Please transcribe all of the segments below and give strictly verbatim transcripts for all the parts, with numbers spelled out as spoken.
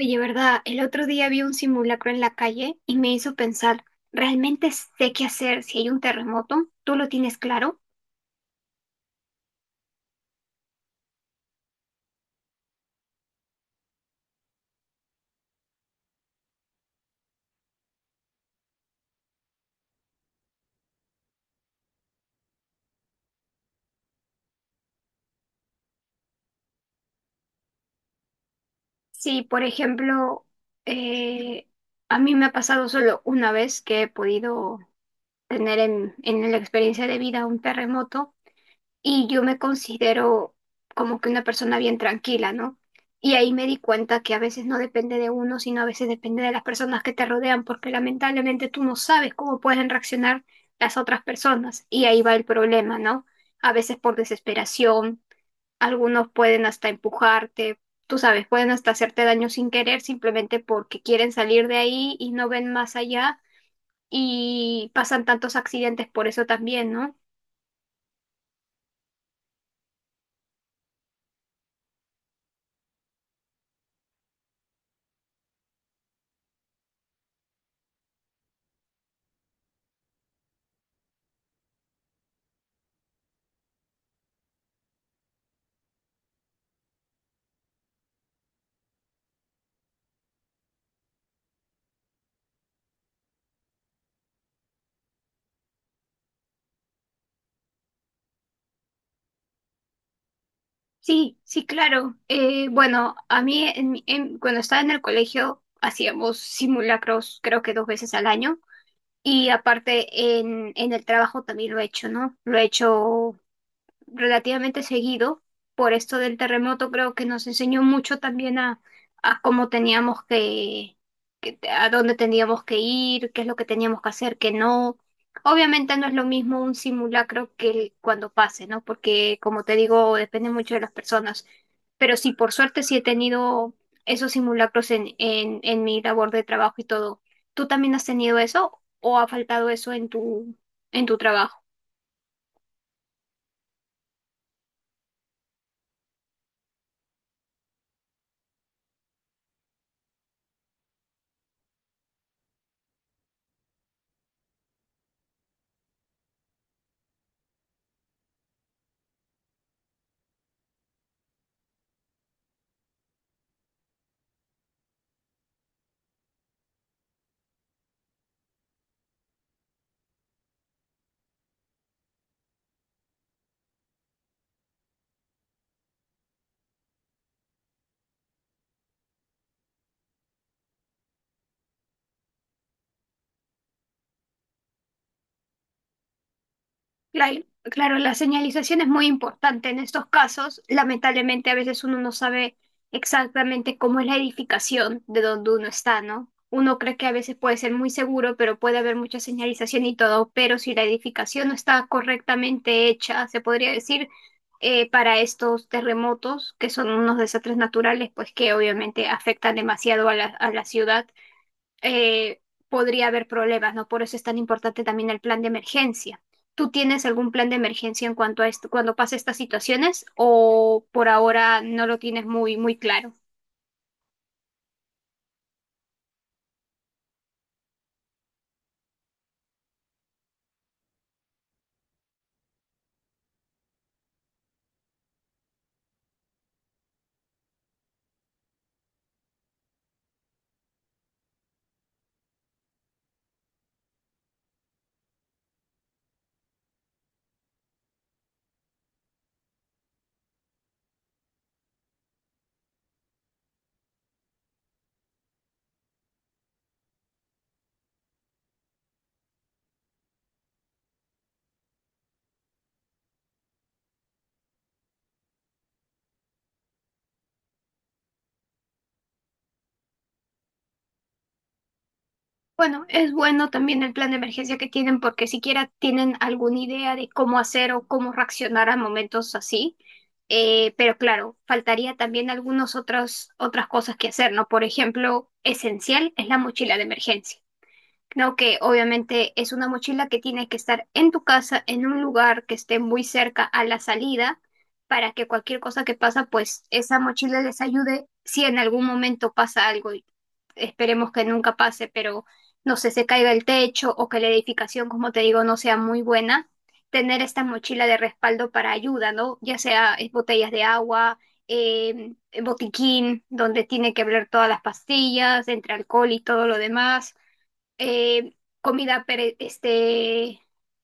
Oye, ¿verdad? El otro día vi un simulacro en la calle y me hizo pensar, ¿realmente sé qué hacer si hay un terremoto? ¿Tú lo tienes claro? Sí, por ejemplo, eh, a mí me ha pasado solo una vez que he podido tener en, en la experiencia de vida un terremoto y yo me considero como que una persona bien tranquila, ¿no? Y ahí me di cuenta que a veces no depende de uno, sino a veces depende de las personas que te rodean, porque lamentablemente tú no sabes cómo pueden reaccionar las otras personas. Y ahí va el problema, ¿no? A veces por desesperación, algunos pueden hasta empujarte, tú sabes, pueden hasta hacerte daño sin querer, simplemente porque quieren salir de ahí y no ven más allá. Y pasan tantos accidentes por eso también, ¿no? Sí, sí, claro. Eh, bueno, a mí en mi- en- cuando estaba en el colegio hacíamos simulacros creo que dos veces al año y aparte en, en el trabajo también lo he hecho, ¿no? Lo he hecho relativamente seguido. Por esto del terremoto creo que nos enseñó mucho también a, a cómo teníamos que, que- a dónde teníamos que ir, qué es lo que teníamos que hacer, qué no. Obviamente no es lo mismo un simulacro que el- cuando pase, ¿no? Porque como te digo, depende mucho de las personas. Pero sí, por suerte sí he tenido esos simulacros en, en, en mi labor de trabajo y todo. ¿Tú también has tenido eso o ha faltado eso en tu, en tu trabajo? Claro, claro, la señalización es muy importante en estos casos. Lamentablemente, a veces uno no sabe exactamente cómo es la edificación de donde uno está, ¿no? Uno cree que a veces puede ser muy seguro, pero puede haber mucha señalización y todo, pero si la edificación no está correctamente hecha, se podría decir, eh, para estos terremotos, que son unos desastres naturales, pues que obviamente afectan demasiado a la, a la ciudad eh, podría haber problemas, ¿no? Por eso es tan importante también el plan de emergencia. ¿Tú tienes algún plan de emergencia en cuanto a esto, cuando pasa estas situaciones o por ahora no lo tienes muy, muy claro? Bueno, es bueno también el plan de emergencia que tienen porque siquiera tienen alguna idea de cómo hacer o cómo reaccionar a momentos así. Eh, pero claro, faltaría también algunas otras, otras cosas que hacer, ¿no? Por ejemplo, esencial es la mochila de emergencia. Creo que obviamente es una mochila que tiene que estar en tu casa, en un lugar que esté muy cerca a la salida, para que cualquier cosa que pasa, pues esa mochila les ayude si en algún momento pasa algo. Y esperemos que nunca pase, pero no sé, se caiga el techo o que la edificación, como te digo, no sea muy buena. Tener esta mochila de respaldo para ayuda, ¿no? Ya sea eh, botellas de agua, eh, botiquín, donde tiene que hablar todas las pastillas, entre alcohol y todo lo demás, eh, comida pere- este,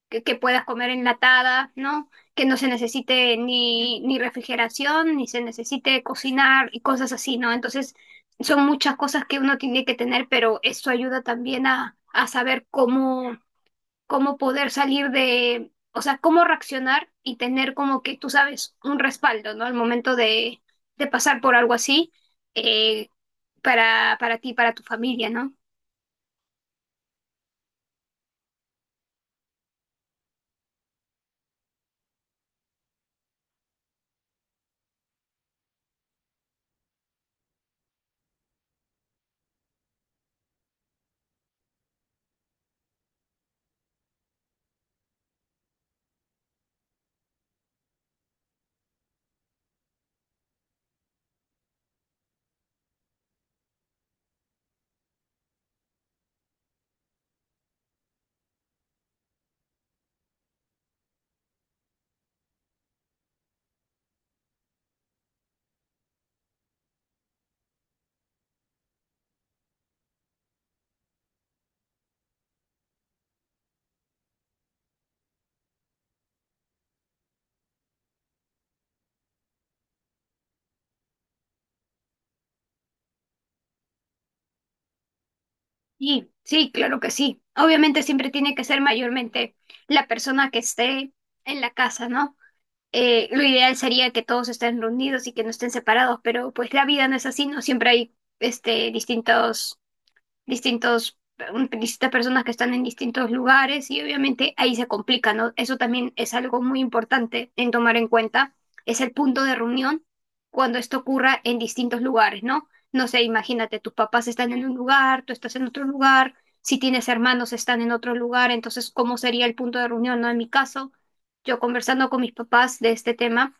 que, que puedas comer enlatada, ¿no? Que no se necesite ni, ni refrigeración, ni se necesite cocinar y cosas así, ¿no? Entonces, son muchas cosas que uno tiene que tener, pero eso ayuda también a, a saber cómo, cómo poder salir de, o sea, cómo reaccionar y tener como que, tú sabes, un respaldo, ¿no? Al momento de, de pasar por algo así, eh, para, para ti, para tu familia, ¿no? Sí, sí, claro que sí. Obviamente siempre tiene que ser mayormente la persona que esté en la casa, ¿no? Eh, lo ideal sería que todos estén reunidos y que no estén separados, pero pues la vida no es así, ¿no? Siempre hay este, distintos distintos, un- distintas personas que están en distintos lugares y obviamente ahí se complica, ¿no? Eso también es algo muy importante en tomar en cuenta, es el punto de reunión cuando esto ocurra en distintos lugares, ¿no? No sé, imagínate, tus papás están en un lugar, tú estás en otro lugar, si tienes hermanos están en otro lugar, entonces, ¿cómo sería el punto de reunión, ¿no? En mi caso, yo conversando con mis papás de este tema.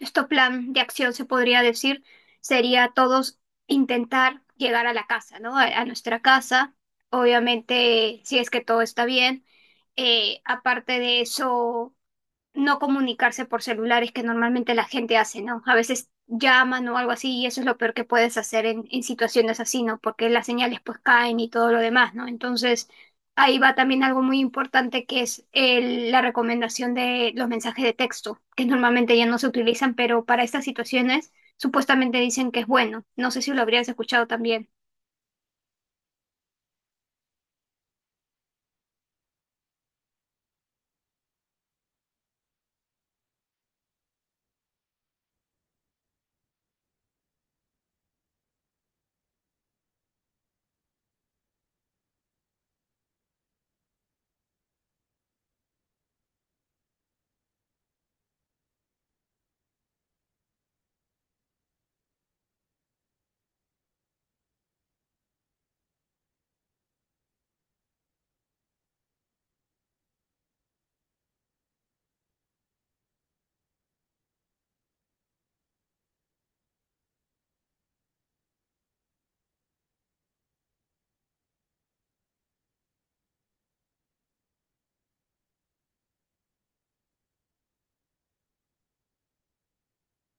Nuestro plan de acción, se podría decir, sería todos intentar llegar a la casa, ¿no? A, a nuestra casa, obviamente, si es que todo está bien. Eh, aparte de eso, no comunicarse por celulares que normalmente la gente hace, ¿no? A veces llaman o algo así y eso es lo peor que puedes hacer en, en situaciones así, ¿no? Porque las señales pues caen y todo lo demás, ¿no? Entonces ahí va también algo muy importante que es el- la recomendación de los mensajes de texto, que normalmente ya no se utilizan, pero para estas situaciones supuestamente dicen que es bueno. No sé si lo habrías escuchado también.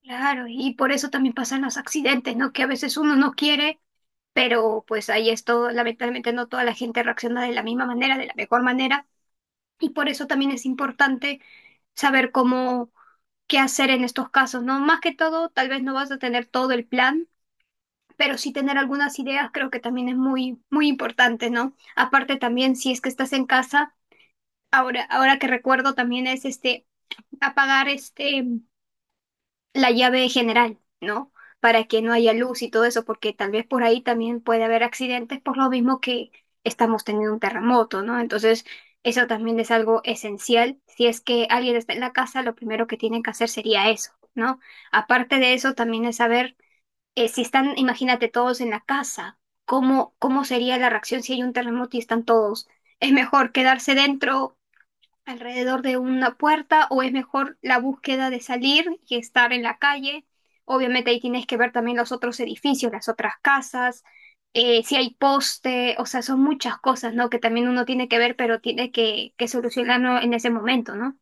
Claro, y por eso también pasan los accidentes, ¿no? Que a veces uno no quiere, pero pues ahí esto, lamentablemente no toda la gente reacciona de la misma manera, de la mejor manera, y por eso también es importante saber cómo, qué hacer en estos casos, ¿no? Más que todo, tal vez no vas a tener todo el plan, pero sí tener algunas ideas creo que también es muy, muy importante, ¿no? Aparte también, si es que estás en casa, ahora, ahora que recuerdo también es este, apagar este la llave general, ¿no? Para que no haya luz y todo eso, porque tal vez por ahí también puede haber accidentes por lo mismo que estamos teniendo un terremoto, ¿no? Entonces, eso también es algo esencial. Si es que alguien está en la casa, lo primero que tienen que hacer sería eso, ¿no? Aparte de eso, también es saber eh, si están, imagínate, todos en la casa, ¿cómo, cómo sería la reacción si hay un terremoto y están todos? ¿Es mejor quedarse dentro, alrededor de una puerta, o es mejor la búsqueda de salir y estar en la calle? Obviamente ahí tienes que ver también los otros edificios, las otras casas, eh, si hay poste, o sea, son muchas cosas, ¿no? Que también uno tiene que ver, pero tiene que, que solucionarlo en ese momento, ¿no?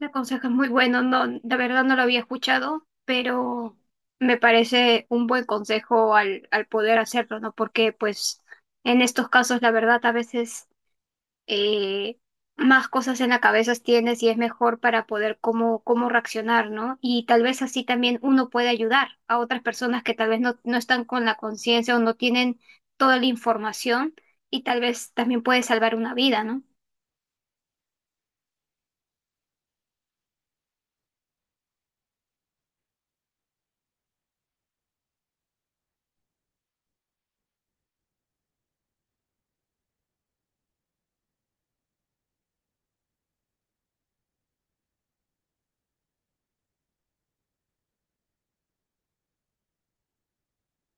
El consejo es muy bueno, no, de verdad no lo había escuchado, pero me parece un buen consejo al, al poder hacerlo, ¿no? Porque pues en estos casos la verdad a veces eh, más cosas en la cabeza tienes y es mejor para poder cómo, cómo reaccionar, ¿no? Y tal vez así también uno puede ayudar a otras personas que tal vez no, no están con la conciencia o no tienen toda la información y tal vez también puede salvar una vida, ¿no?